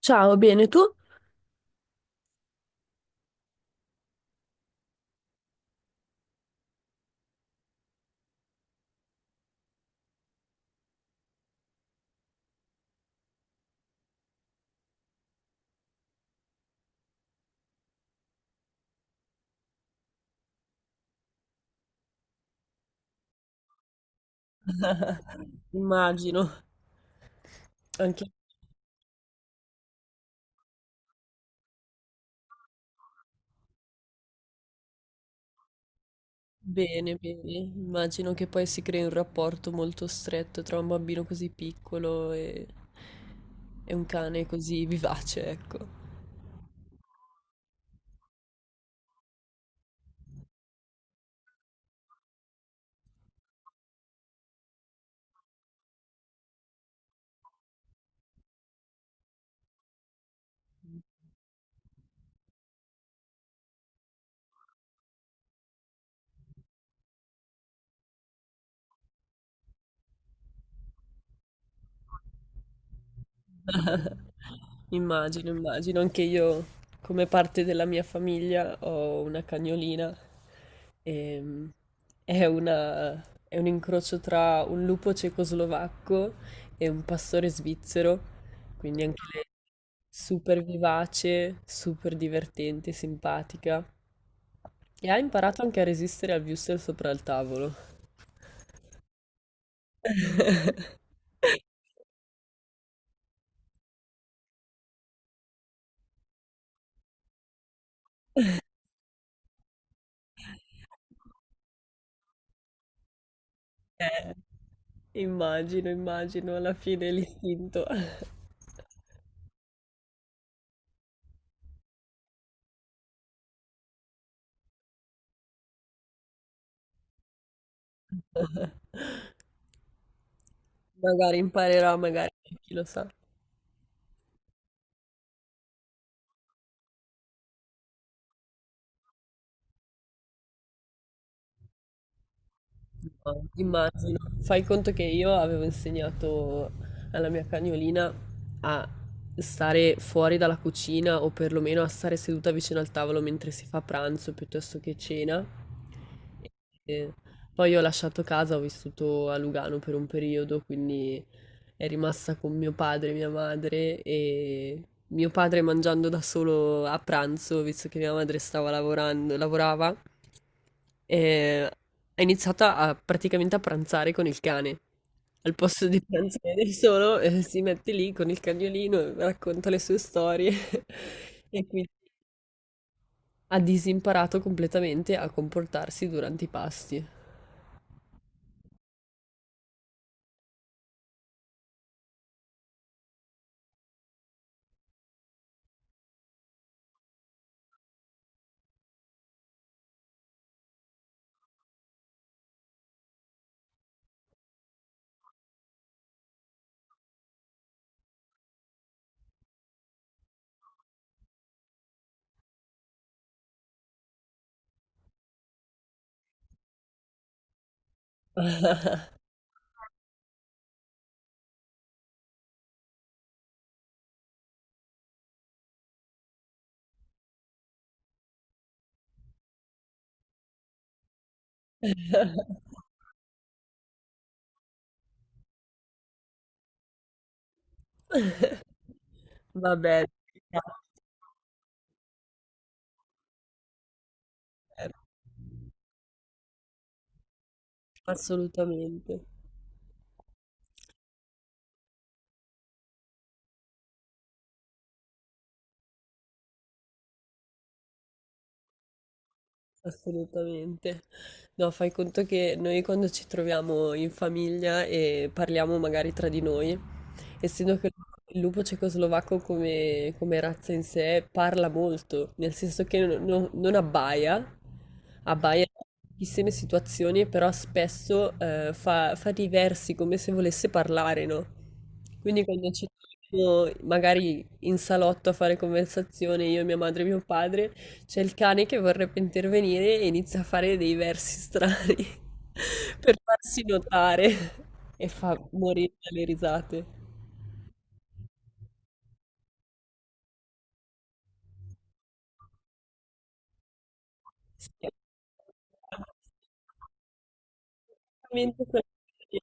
Ciao, bene tu? Immagino, anche bene, bene. Immagino che poi si crei un rapporto molto stretto tra un bambino così piccolo e un cane così vivace, ecco. Immagino, immagino. Anche io, come parte della mia famiglia, ho una cagnolina. Ehm, è una- è un incrocio tra un lupo cecoslovacco e un pastore svizzero. Quindi anche lei super vivace, super divertente, simpatica. E ha imparato anche a resistere al wurstel sopra il tavolo. Immagino, immagino, alla fine l'istinto. Magari imparerò, magari, chi lo sa. No, immagino, fai conto che io avevo insegnato alla mia cagnolina a stare fuori dalla cucina o perlomeno a stare seduta vicino al tavolo mentre si fa pranzo piuttosto che cena. E poi ho lasciato casa, ho vissuto a Lugano per un periodo, quindi è rimasta con mio padre e mia madre e mio padre mangiando da solo a pranzo, visto che mia madre stava lavorando, lavorava. E è iniziata a praticamente a pranzare con il cane. Al posto di pranzare da solo, si mette lì con il cagnolino, e racconta le sue storie e quindi ha disimparato completamente a comportarsi durante i pasti. Vabbè, assolutamente. Assolutamente. No, fai conto che noi quando ci troviamo in famiglia e parliamo magari tra di noi, essendo che il lupo cecoslovacco come, come razza in sé parla molto, nel senso che non abbaia, abbaia in pochissime situazioni, però spesso fa dei versi come se volesse parlare, no? Quindi quando ci troviamo magari in salotto a fare conversazione, io, mia madre e mio padre, c'è il cane che vorrebbe intervenire e inizia a fare dei versi strani per farsi notare e fa morire dalle risate. Sì. Esattamente quello che-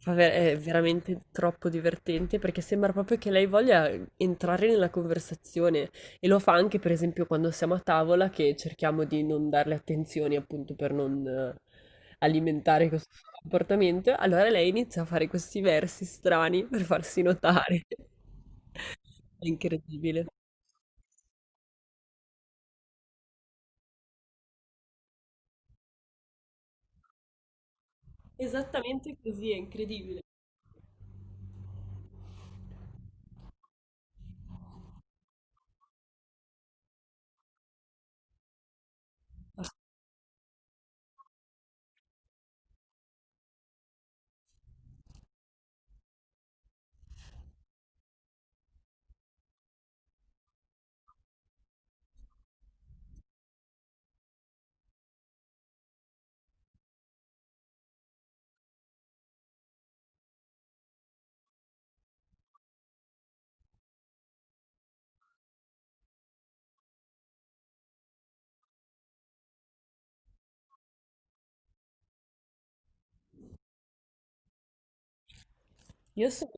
È veramente troppo divertente perché sembra proprio che lei voglia entrare nella conversazione e lo fa anche, per esempio, quando siamo a tavola che cerchiamo di non darle attenzioni appunto per non alimentare questo suo comportamento. Allora lei inizia a fare questi versi strani per farsi notare. È incredibile. Esattamente così, è incredibile. Io sono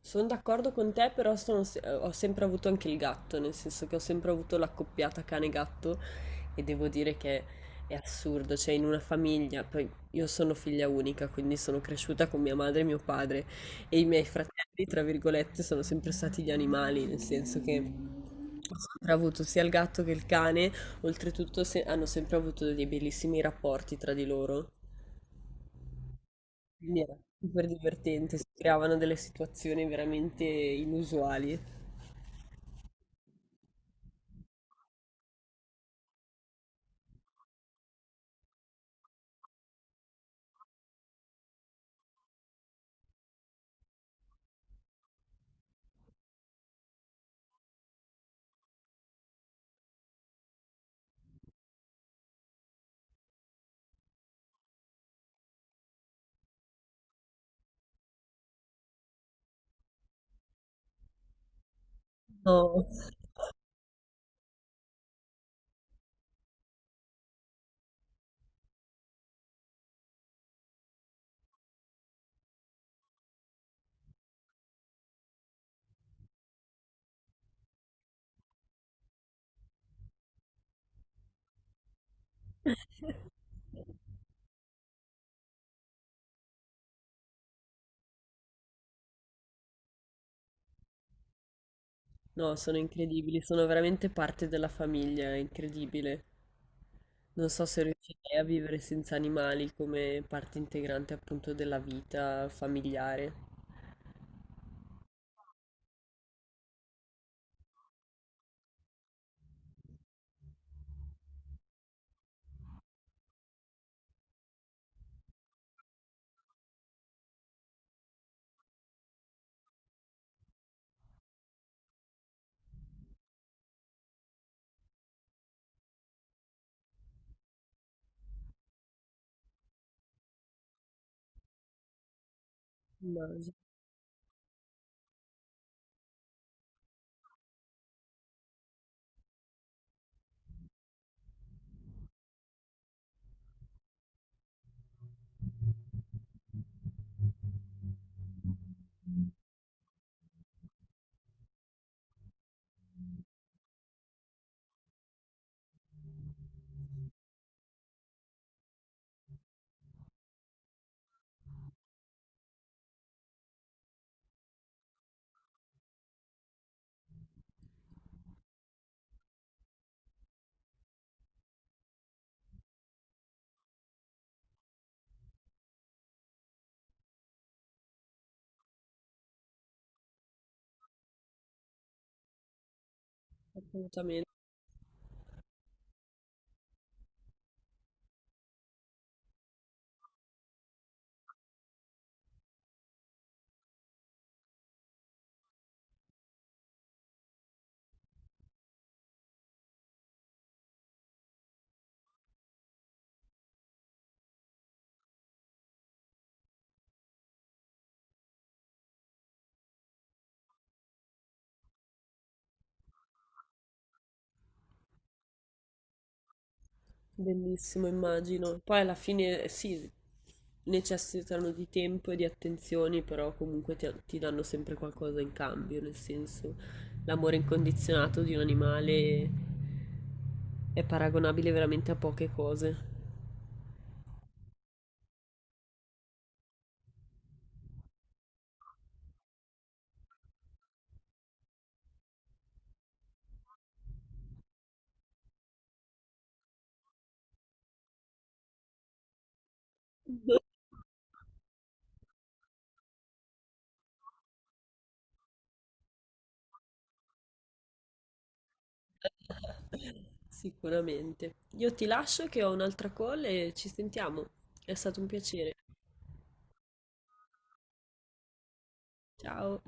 Sono d'accordo con te, però sono se- ho sempre avuto anche il gatto, nel senso che ho sempre avuto l'accoppiata cane-gatto e devo dire che è assurdo, cioè in una famiglia, poi io sono figlia unica, quindi sono cresciuta con mia madre e mio padre e i miei fratelli, tra virgolette, sono sempre stati gli animali, nel senso che ho sempre avuto sia il gatto che il cane, oltretutto se- hanno sempre avuto dei bellissimi rapporti tra di loro. Quindi era super divertente, si creavano delle situazioni veramente inusuali. No, no, sono incredibili, sono veramente parte della famiglia, è incredibile. Non so se riuscirei a vivere senza animali come parte integrante appunto della vita familiare. Immagino, assolutamente, bellissimo, immagino. Poi alla fine sì, necessitano di tempo e di attenzioni, però comunque ti, ti danno sempre qualcosa in cambio, nel senso l'amore incondizionato di un animale è paragonabile veramente a poche cose. Sicuramente. Io ti lascio che ho un'altra call e ci sentiamo. È stato un piacere. Ciao.